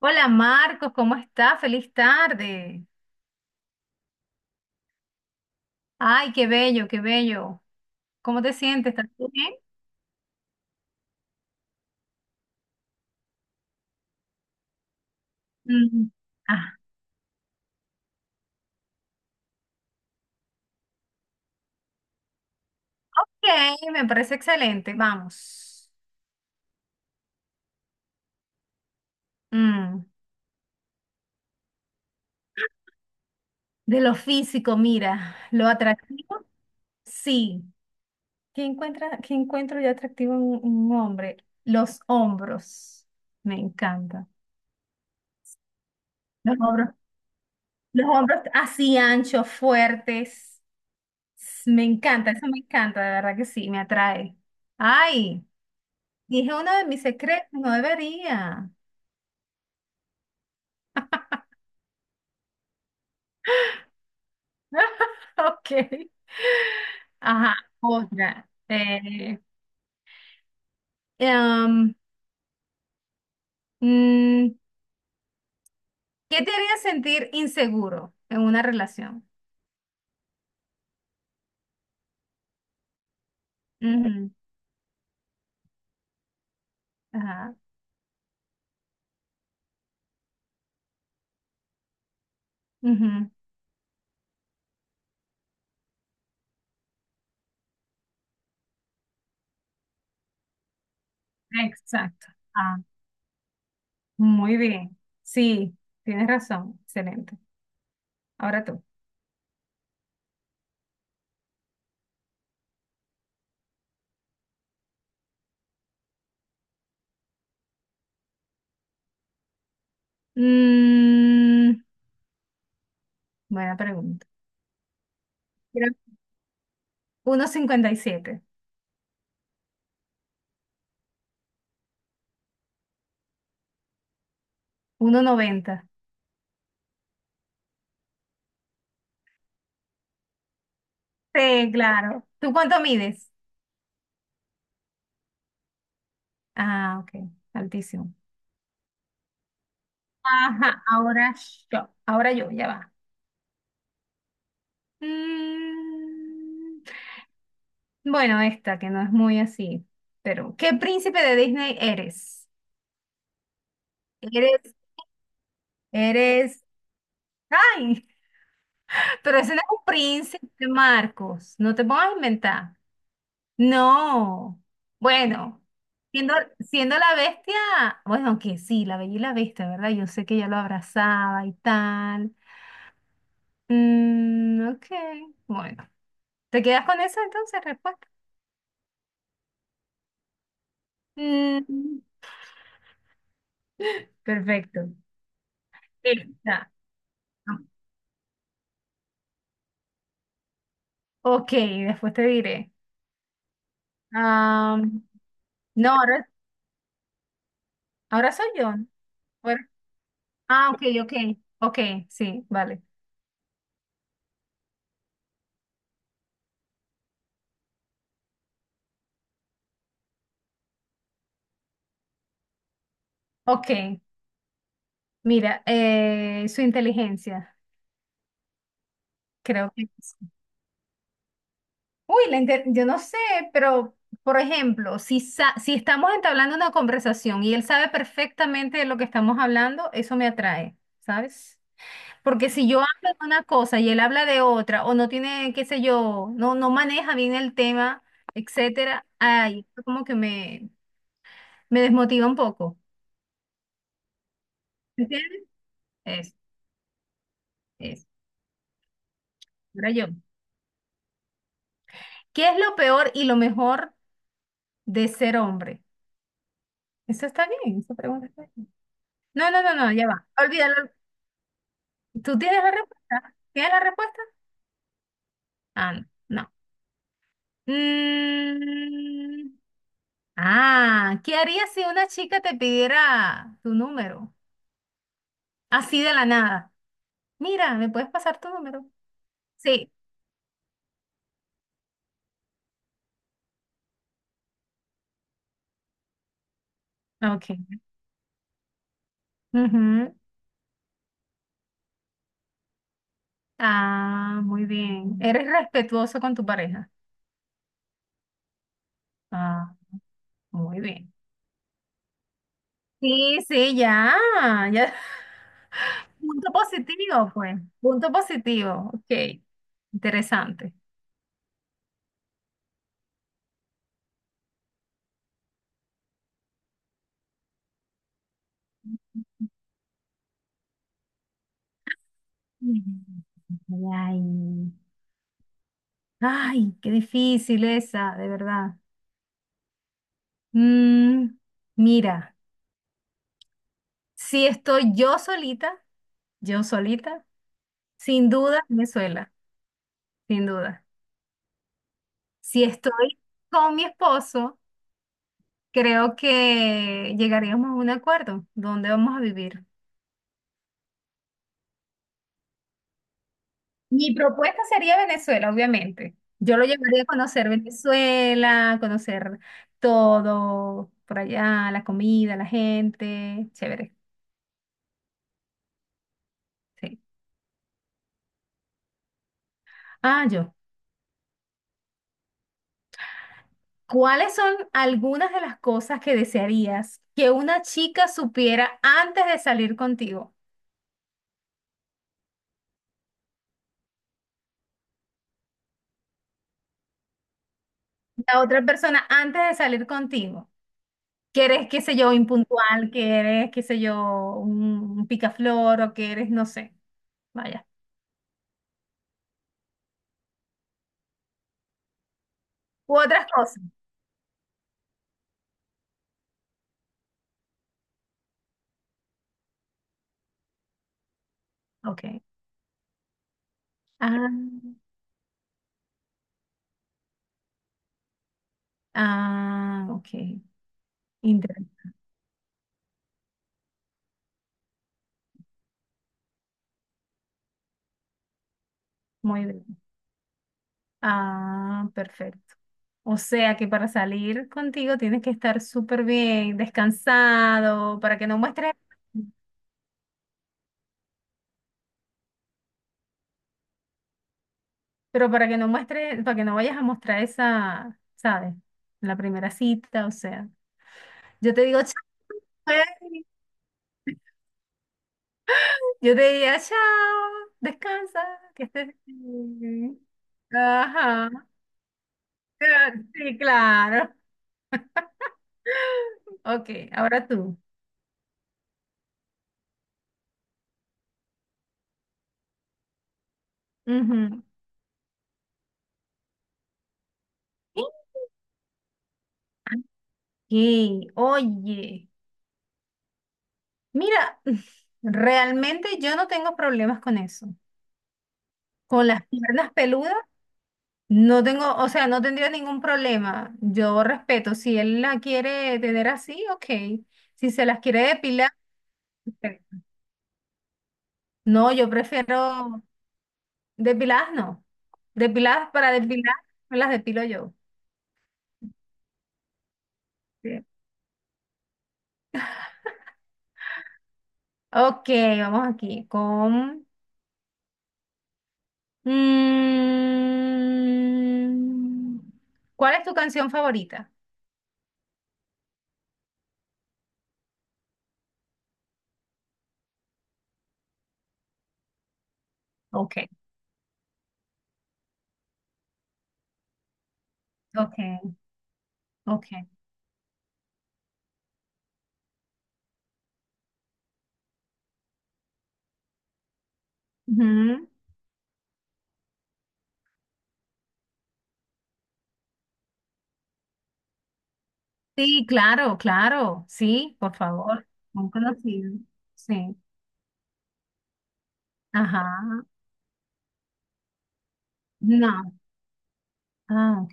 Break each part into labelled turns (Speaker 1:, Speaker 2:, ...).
Speaker 1: Hola Marcos, ¿cómo está? Feliz tarde. Ay, qué bello, qué bello. ¿Cómo te sientes? ¿Estás bien? Mm, ah, ok, me parece excelente. Vamos. Mm, De lo físico, mira, lo atractivo, sí. ¿Qué encuentro yo atractivo en un hombre? Los hombros. Me encanta. Los hombros. Los hombros así anchos, fuertes. Me encanta, eso me encanta, de verdad que sí, me atrae. Ay, dije uno de mis secretos, no debería. Ok. Ajá, otra. Em, mm, ¿Qué te haría sentir inseguro en una relación? Ujú. Ajá. Ujú. Exacto. Ah, muy bien. Sí, tienes razón. Excelente. Ahora tú. Mm, Buena pregunta. Creo- 1,57, 1,90. Sí, claro. ¿Tú cuánto mides? Ah, ok, altísimo. Ajá, ahora yo, ya va. Mm, bueno, esta que no es muy así, pero ¿qué príncipe de Disney eres? Eres, eres, ay, pero ese no es un príncipe, Marcos, no te pongas a inventar. No, bueno, siendo la bestia, bueno, aunque sí, la bella y la bestia, ¿verdad? Yo sé que ella lo abrazaba y tal. Ok, bueno. ¿Te quedas con eso entonces, respuesta? Mm, perfecto. Esta. Ok, después te diré. Am, no, ahora, ahora soy yo. Bueno, ah, ok, ok, ok, sí, vale. Ok, mira, su inteligencia. Creo que sí. Uy, yo no sé, pero por ejemplo, si estamos entablando una conversación y él sabe perfectamente de lo que estamos hablando, eso me atrae, ¿sabes? Porque si yo hablo de una cosa y él habla de otra, o no tiene, qué sé yo, no maneja bien el tema, etcétera, ay, eso como que me desmotiva un poco. ¿Entiendes? Eso, eso. Era yo. ¿Qué es lo peor y lo mejor de ser hombre? Eso está bien, esa pregunta está bien. No, no, no, no, ya va. Olvídalo. ¿Tú tienes la respuesta? ¿Tienes la respuesta? Ah, no. No. Mm, ¿Qué harías si una chica te pidiera tu número? Así de la nada. Mira, ¿me puedes pasar tu número? Sí. Ok. Ujú. Ah, muy bien. ¿Eres respetuoso con tu pareja? Ah, muy bien. Sí, sí, ya, ya. Punto positivo, pues. Punto positivo. Ok. Interesante. Ay, ay, qué difícil esa, de verdad. Mm, Mira, si estoy yo solita, sin duda Venezuela, sin duda. Si estoy con mi esposo, creo que llegaríamos a un acuerdo donde vamos a vivir. Mi propuesta sería Venezuela, obviamente. Yo lo llevaría a conocer Venezuela, conocer todo por allá, la comida, la gente, chévere. Sí. Ah, yo. ¿Cuáles son algunas de las cosas que desearías que una chica supiera antes de salir contigo? La otra persona antes de salir contigo. Que eres, qué sé yo, impuntual, que eres, qué sé yo, un picaflor o que eres, no sé. Vaya. U otras cosas. Ok. Ah, ah, ok. Interesante. Muy bien. Ah, perfecto. O sea que para salir contigo tienes que estar súper bien, descansado, para que no muestres, pero para que no muestres, para que no vayas a mostrar esa, ¿sabes? La primera cita, o sea. Yo te digo, chao, güey. Yo te diría, chao, descansa, que estés bien. Ajá. Sí, claro. Ok, ahora tú. Ujú. Ok, oye, mira, realmente yo no tengo problemas con eso. Con las piernas peludas, no tengo, o sea, no tendría ningún problema. Yo respeto, si él la quiere tener así, ok. Si se las quiere depilar, perfecto. No, yo prefiero depiladas, no. Depiladas para depilar, me las depilo yo. Sí. Ok, vamos aquí con, mm, ¿cuál es tu canción favorita? Ok, ok, ok. Ujú. Sí, claro, claro. Sí, por favor. Muy conocido. Sí. Ajá. No. Ah, ok.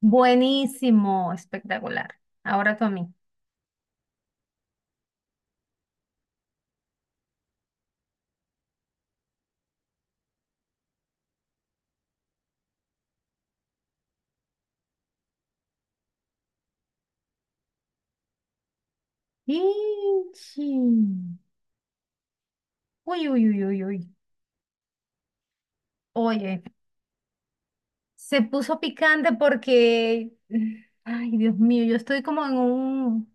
Speaker 1: Buenísimo, espectacular. Ahora tú a mí. Ichi. Uy, uy, uy, uy, uy. Oye. Se puso picante porque, ay, Dios mío, yo estoy como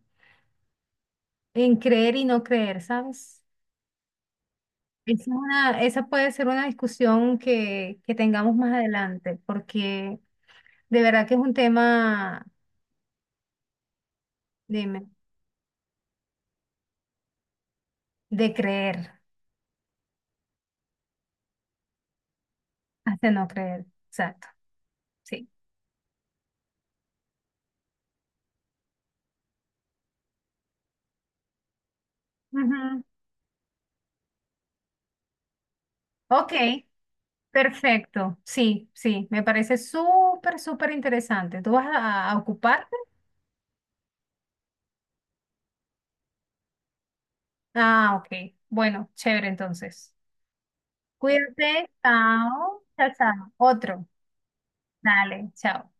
Speaker 1: en creer y no creer, ¿sabes? Esa, esa puede ser una discusión que tengamos más adelante, porque de verdad que es un tema, dime, de creer, hasta no creer, exacto, sí. Ujú. Ok, perfecto, sí, sí, me parece súper, súper interesante. ¿Tú vas a ocuparte? Ah, ok, bueno, chévere entonces. Cuídate, chao, chao, chao. Otro, dale, chao.